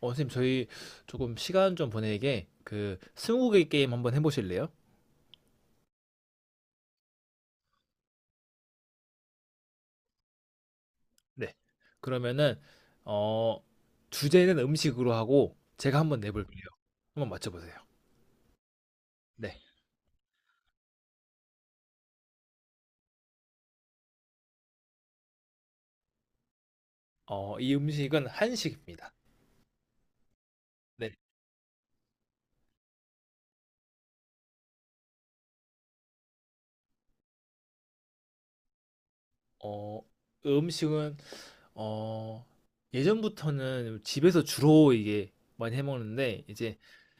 선생님, 저희 조금 시간 좀 보내게 그 스무고개 게임 한번 해보실래요? 네. 그러면은 어 주제는 음식으로 하고 제가 한번 내볼게요. 한번 맞춰보세요. 네. 이 음식은 한식입니다. 네. 어, 음식은 어 예전부터는 집에서 주로 이게 많이 해먹는데 이제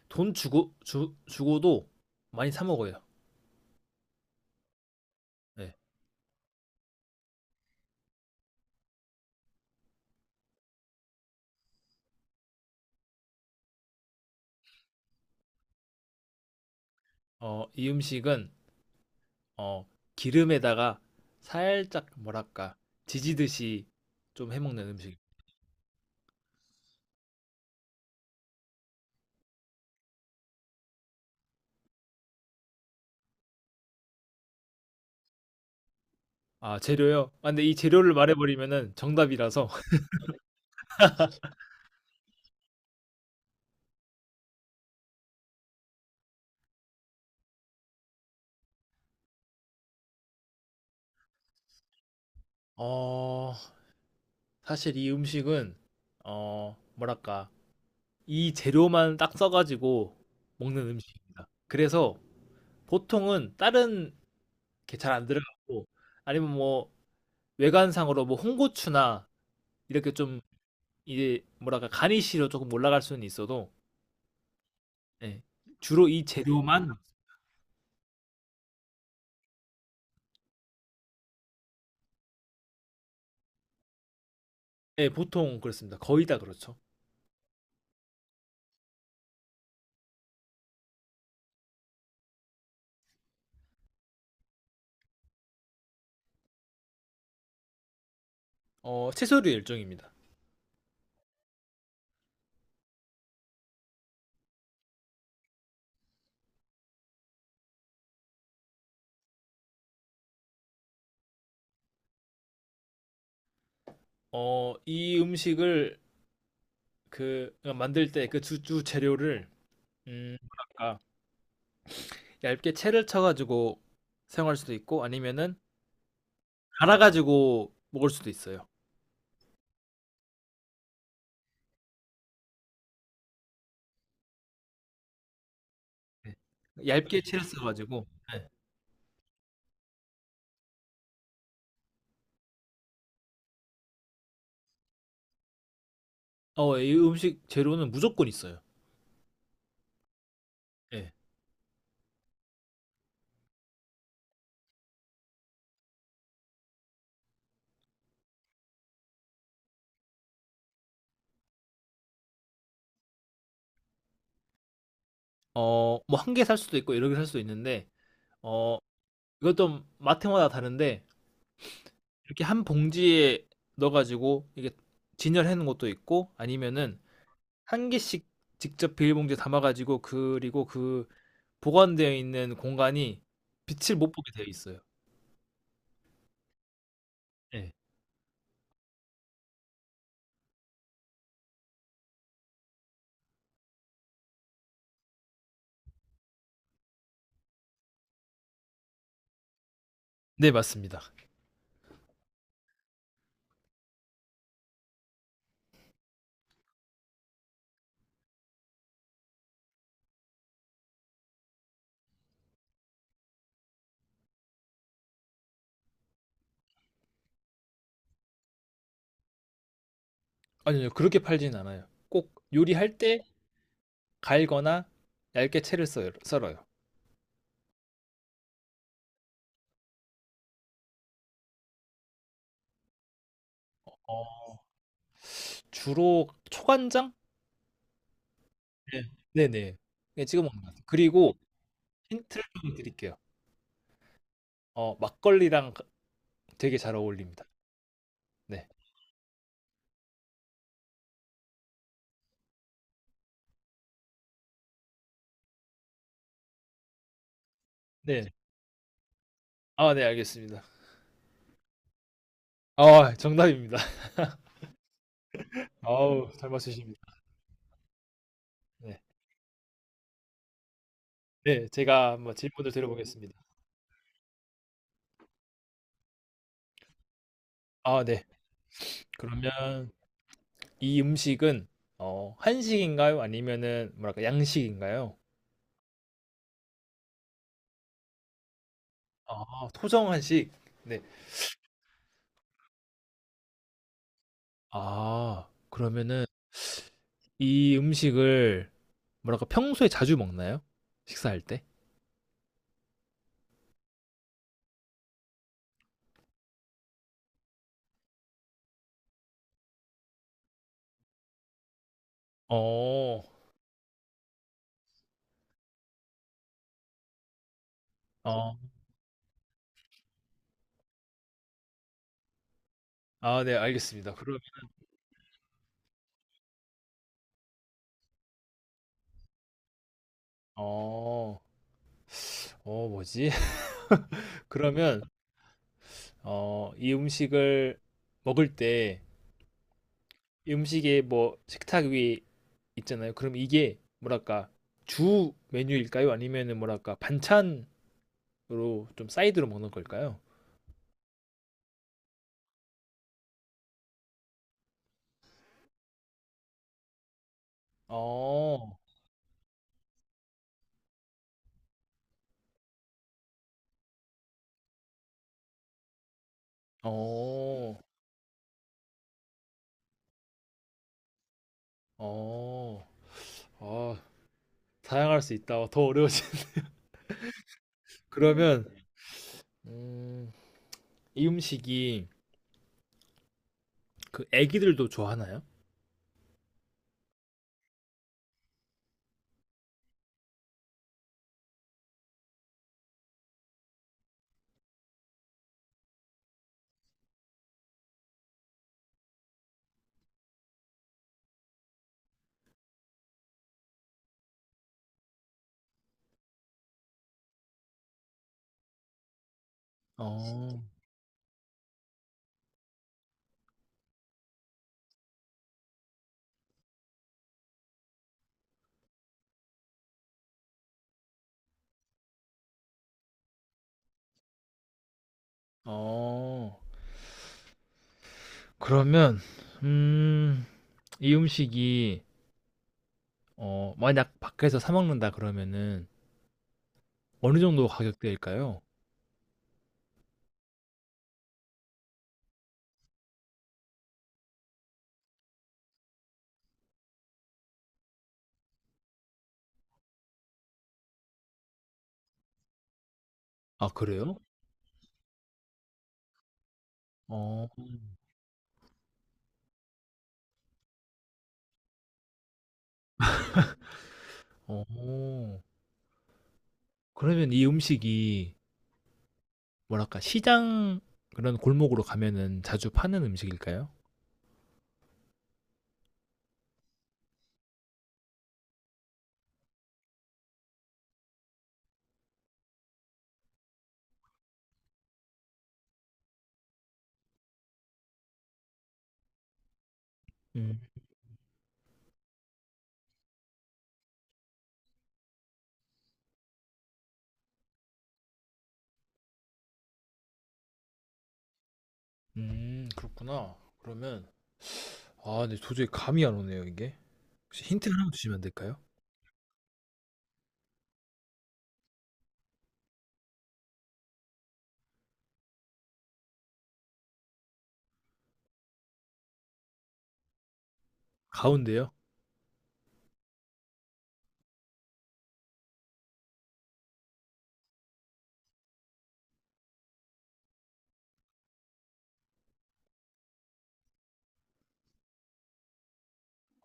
돈 주고도 많이 사 먹어요. 네. 이 음식은 어, 기름에다가 살짝 뭐랄까 지지듯이 좀 해먹는 음식. 아, 재료요? 아, 근데 이 재료를 말해버리면은 정답이라서. 어, 사실 이 음식은 뭐랄까 이 재료만 딱 써가지고 먹는 음식입니다. 그래서 보통은 다른 게 잘 안 들어가고 아니면 뭐 외관상으로 뭐 홍고추나 이렇게 좀 이제 뭐랄까 가니쉬로 조금 올라갈 수는 있어도 예, 주로 이 재료만. 네, 보통 그렇습니다. 거의 다 그렇죠. 채소류 일종입니다. 이 음식을 그 그러니까 만들 때 그 주주 재료를 음, 뭐랄까 얇게 채를 쳐가지고 사용할 수도 있고 아니면은 갈아가지고 먹을 수도 있어요. 네. 얇게 채를 써가지고. 네. 이 음식 재료는 무조건 있어요. 예. 어, 뭐 한 개 살 수도 있고 여러 개 살 수도 있는데 어, 이것도 마트마다 다른데 이렇게 한 봉지에 넣어 가지고 이게 진열해 놓은 것도 있고 아니면은 한 개씩 직접 비닐봉지에 담아 가지고 그리고 그 보관되어 있는 공간이 빛을 못 보게 되어 있어요. 예. 네 맞습니다. 아니요. 그렇게 팔지는 않아요. 꼭 요리할 때 갈거나 얇게 채를 썰 썰어요. 어 주로 초간장? 네. 네네. 예 찍어 먹는 것 같아요. 그리고 힌트를 좀 드릴게요. 막걸리랑 가 되게 잘 어울립니다. 네. 네. 아 네 알겠습니다. 어 정답입니다. 어우 잘 맞추십니다. 네. 네, 제가 한번 질문을 드려보겠습니다. 아, 네. 그러면 이 음식은 어, 한식인가요? 아니면은 뭐랄까 양식인가요? 아, 토정 한식. 네. 아, 그러면은 이 음식을 뭐랄까 평소에 자주 먹나요? 식사할 때? 어. 어. 아, 네, 알겠습니다. 그러면 어. 어, 뭐지? 그러면 이 음식을 먹을 때 음식에 뭐 식탁 위에 있잖아요. 그럼 이게 뭐랄까 주 메뉴일까요? 아니면은 뭐랄까 반찬으로 좀 사이드로 먹는 걸까요? 어, 어, 어, 아, 다양할 수 있다. 더 어려워요. 그러면 음, 이 음식이 그 애기들도 좋아하나요? 어, 어. 그러면 음, 이 음식이 만약 밖에서 사 먹는다 그러면은 어느 정도 가격대일까요? 아 그래요? 어. 어. 그러면 이 음식이 뭐랄까 시장 그런 골목으로 가면은 자주 파는 음식일까요? 음. 그렇구나. 그러면 아 근데 도저히 감이 안 오네요 이게. 혹시 힌트 하나 주시면 안 될까요? 가운데요?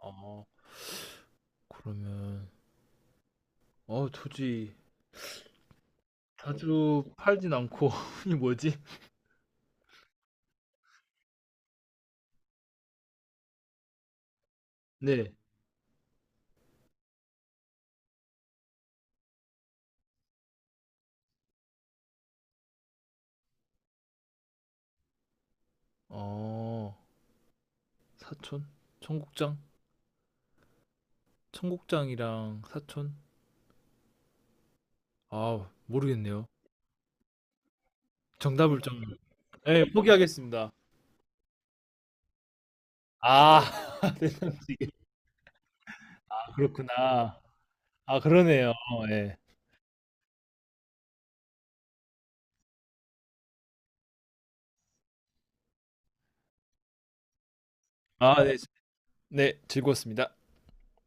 어 그러면 도저히 자주 팔진 않고 이 뭐지? 네. 어 사촌? 청국장? 청국장이랑 사촌? 아 모르겠네요. 정답을 좀. 네, 포기하겠습니다. 아, 대단하시게. 그렇구나. 아, 그러네요. 예. 아, 네. 네, 즐거웠습니다.